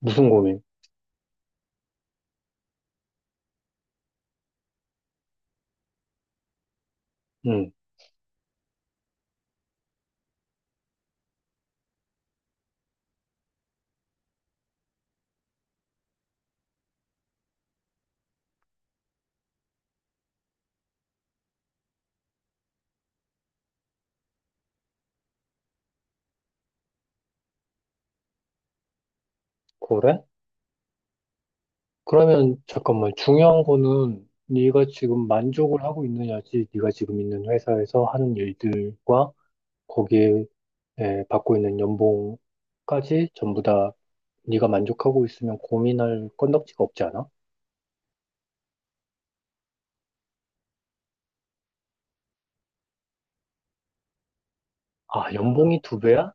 무슨 고민? 응, 그래? 그러면 잠깐만 중요한 거는 네가 지금 만족을 하고 있느냐지, 네가 지금 있는 회사에서 하는 일들과 거기에 받고 있는 연봉까지 전부 다 네가 만족하고 있으면 고민할 건덕지가 없지 않아? 아, 연봉이 두 배야?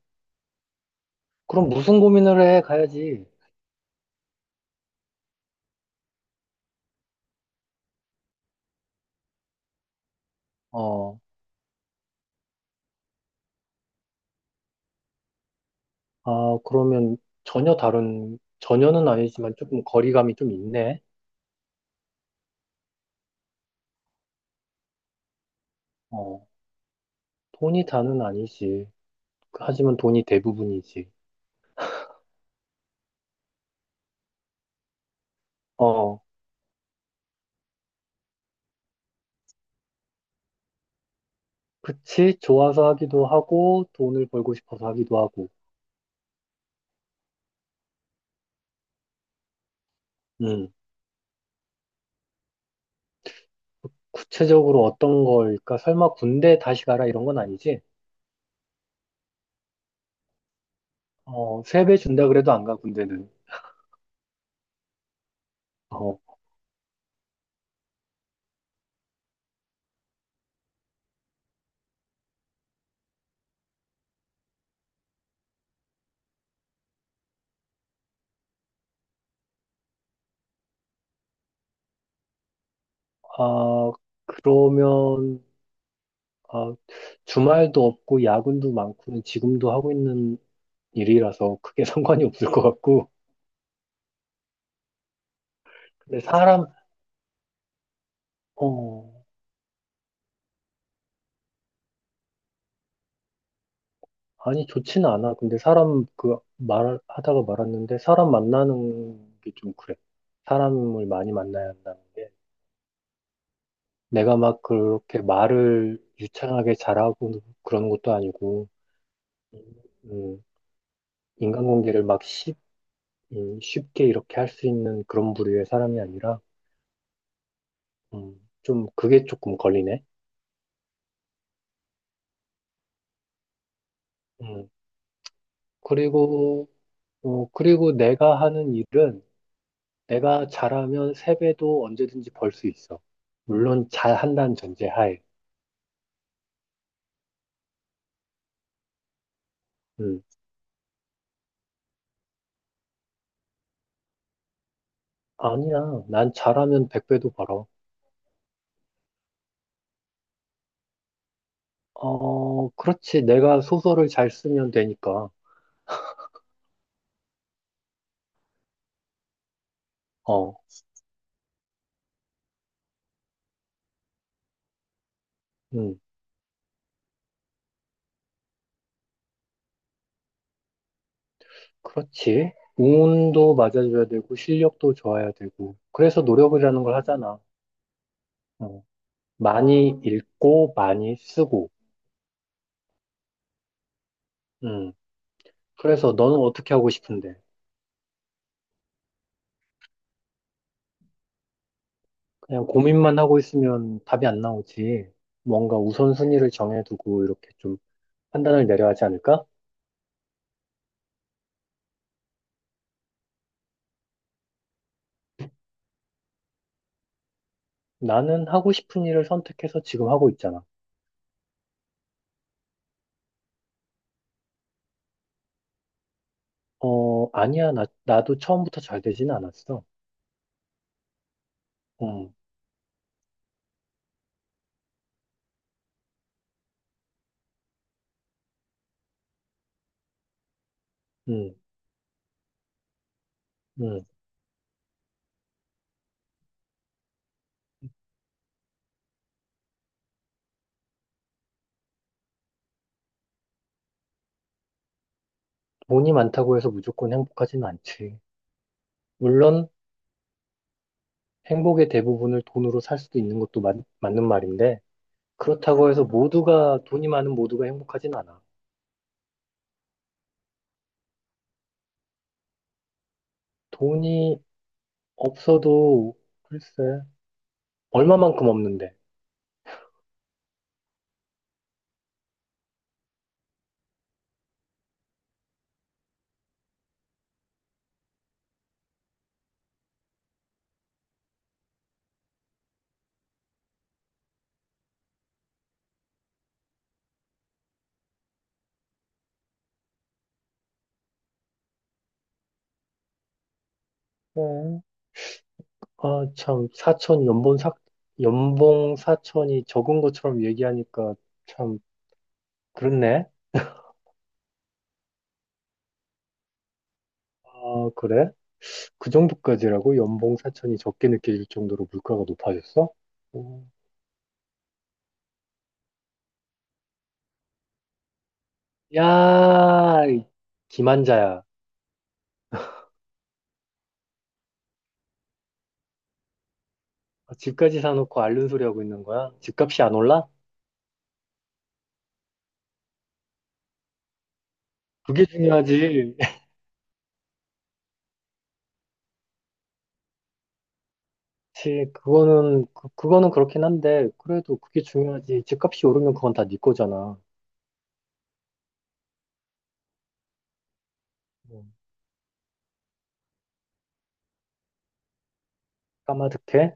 그럼 무슨 고민을 해? 가야지. 어, 아, 그러면 전혀 다른, 전혀는 아니지만 조금 거리감이 좀 있네. 어, 돈이 다는 아니지. 하지만 돈이 대부분이지. 어, 그치. 좋아서 하기도 하고, 돈을 벌고 싶어서 하기도 하고. 음. 구체적으로 어떤 걸까? 설마 군대 다시 가라 이런 건 아니지? 어, 3배 준다 그래도 안 가, 군대는. 어, 아, 그러면, 아, 주말도 없고, 야근도 많고는 지금도 하고 있는 일이라서 크게 상관이 없을 것 같고. 근데 사람, 어, 아니, 좋지는 않아. 근데 사람, 그, 말, 하다가 말았는데, 사람 만나는 게 좀 그래. 사람을 많이 만나야 한다는 게, 내가 막 그렇게 말을 유창하게 잘하고 그런 것도 아니고, 음, 인간관계를 막 쉽게 이렇게 할 수 있는 그런 부류의 사람이 아니라, 좀 그게 조금 걸리네. 음, 그리고, 그리고 내가 하는 일은, 내가 잘하면 3배도 언제든지 벌 수 있어. 물론 잘한다는 전제하에. 음. 아니야. 난 잘하면 100배도 벌어. 어, 그렇지. 내가 소설을 잘 쓰면 되니까. 어, 음, 그렇지. 운도 맞아줘야 되고, 실력도 좋아야 되고. 그래서 노력이라는 걸 하잖아. 어, 많이 읽고, 많이 쓰고. 음, 그래서 너는 어떻게 하고 싶은데? 그냥 고민만 하고 있으면 답이 안 나오지. 뭔가 우선순위를 정해두고 이렇게 좀 판단을 내려야 하지 않을까? 나는 하고 싶은 일을 선택해서 지금 하고 있잖아. 어, 아니야. 나도 처음부터 잘 되진 않았어. 음, 음, 음. 돈이 많다고 해서 무조건 행복하진 않지. 물론 행복의 대부분을 돈으로 살 수도 있는 것도 맞는 말인데, 그렇다고 해서 모두가, 돈이 많은 모두가 행복하진 않아. 돈이 없어도, 글쎄, 얼마만큼 없는데. 어, 아, 참, 연봉 사촌이 적은 것처럼 얘기하니까 참, 그렇네. 아, 그래? 그 정도까지라고? 연봉 사촌이 적게 느껴질 정도로 물가가 높아졌어? 오. 야, 이 기만자야. 아, 집까지 사놓고 앓는 소리 하고 있는 거야? 집값이 안 올라? 그게 중요하지. 그치, 그거는 그렇긴 한데, 그래도 그게 중요하지. 집값이 오르면 그건 다 네 거잖아. 음, 까마득해?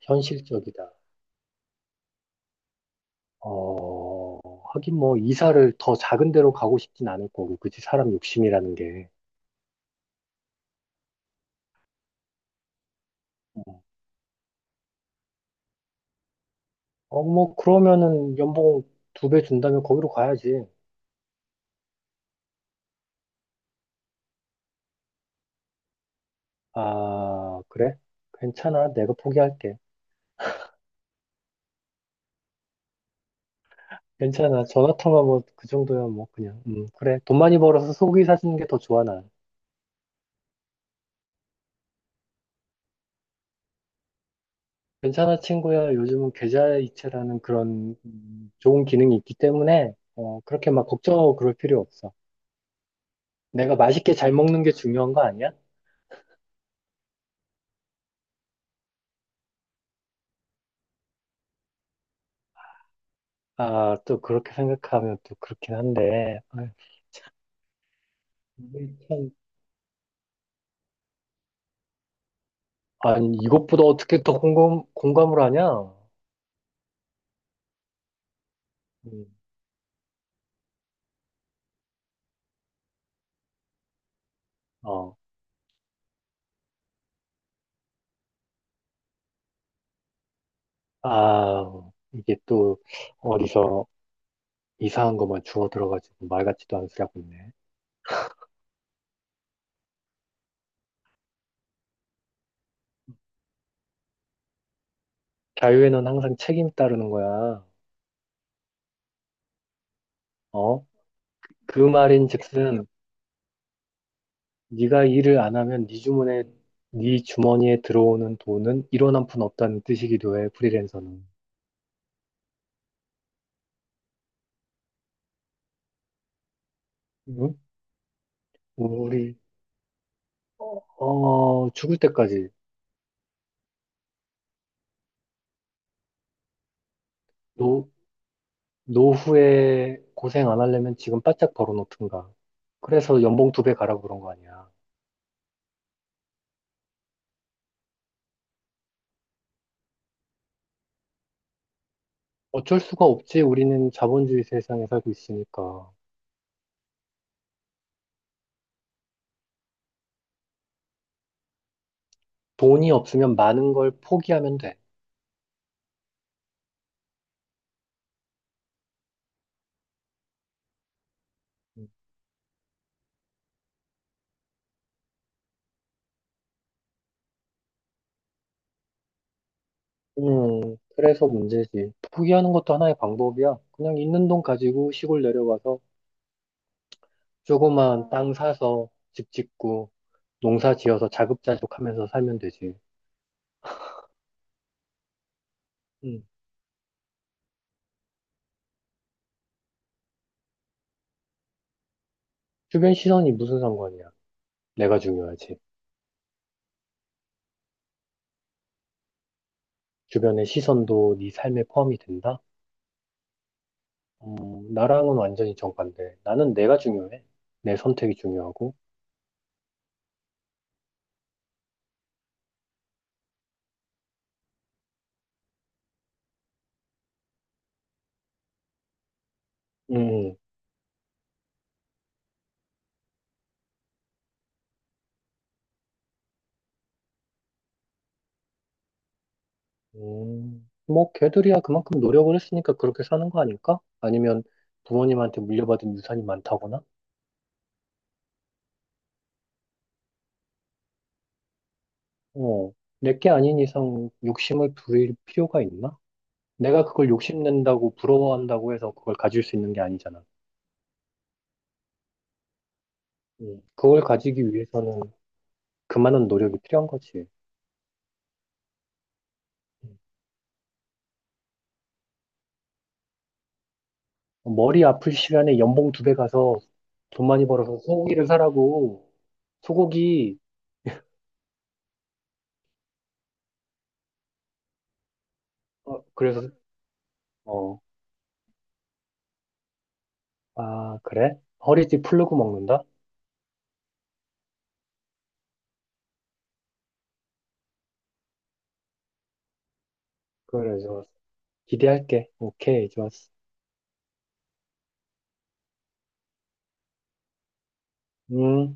현실적이다. 어, 하긴 뭐, 이사를 더 작은 데로 가고 싶진 않을 거고, 그치? 사람 욕심이라는 게. 어, 뭐, 그러면은 연봉 2배 준다면 거기로 가야지. 아, 그래? 괜찮아. 내가 포기할게. 괜찮아. 전화 통화 뭐, 그 정도야 뭐, 그냥. 그래. 돈 많이 벌어서 속이 사주는 게 더 좋아, 난. 괜찮아, 친구야. 요즘은 계좌이체라는 그런 좋은 기능이 있기 때문에, 그렇게 막 걱정하고 그럴 필요 없어. 내가 맛있게 잘 먹는 게 중요한 거 아니야? 아, 또 그렇게 생각하면 또 그렇긴 한데, 아, 이게 참, 아니, 이것보다 어떻게 더 공감을 하냐? 음, 어, 아, 이게 또 어디서 이상한 것만 주워 들어가지고 말 같지도 않은 소리 하고 있네. 자유에는 항상 책임 따르는 거야. 어? 그 말인즉슨 네가 일을 안 하면 네 주머니에 들어오는 돈은 1원 한 푼 없다는 뜻이기도 해. 프리랜서는. 응? 우리 죽을 때까지. 노, 노후에 고생 안 하려면 지금 바짝 벌어놓든가. 그래서 연봉 2배 가라고 그런 거 아니야. 어쩔 수가 없지. 우리는 자본주의 세상에 살고 있으니까. 돈이 없으면 많은 걸 포기하면 돼. 그래서 문제지. 포기하는 것도 하나의 방법이야. 그냥 있는 돈 가지고 시골 내려가서 조그만 땅 사서 집 짓고 농사 지어서 자급자족하면서 살면 되지. 음. 주변 시선이 무슨 상관이야? 내가 중요하지. 주변의 시선도 네 삶에 포함이 된다? 어, 나랑은 완전히 정반대. 나는 내가 중요해. 내 선택이 중요하고. 음, 뭐, 걔들이야 그만큼 노력을 했으니까 그렇게 사는 거 아닐까? 아니면 부모님한테 물려받은 유산이 많다거나? 어, 내게 아닌 이상 욕심을 부릴 필요가 있나? 내가 그걸 욕심낸다고 부러워한다고 해서 그걸 가질 수 있는 게 아니잖아. 그걸 가지기 위해서는 그만한 노력이 필요한 거지. 음. 머리 아플 시간에 연봉 2배 가서 돈 많이 벌어서 소고기를 사라고. 소고기, 어, 그래서, 어, 아, 그래? 허리띠 풀르고 먹는다? 그래, 좋았어. 기대할게. 오케이, 좋았어. 음.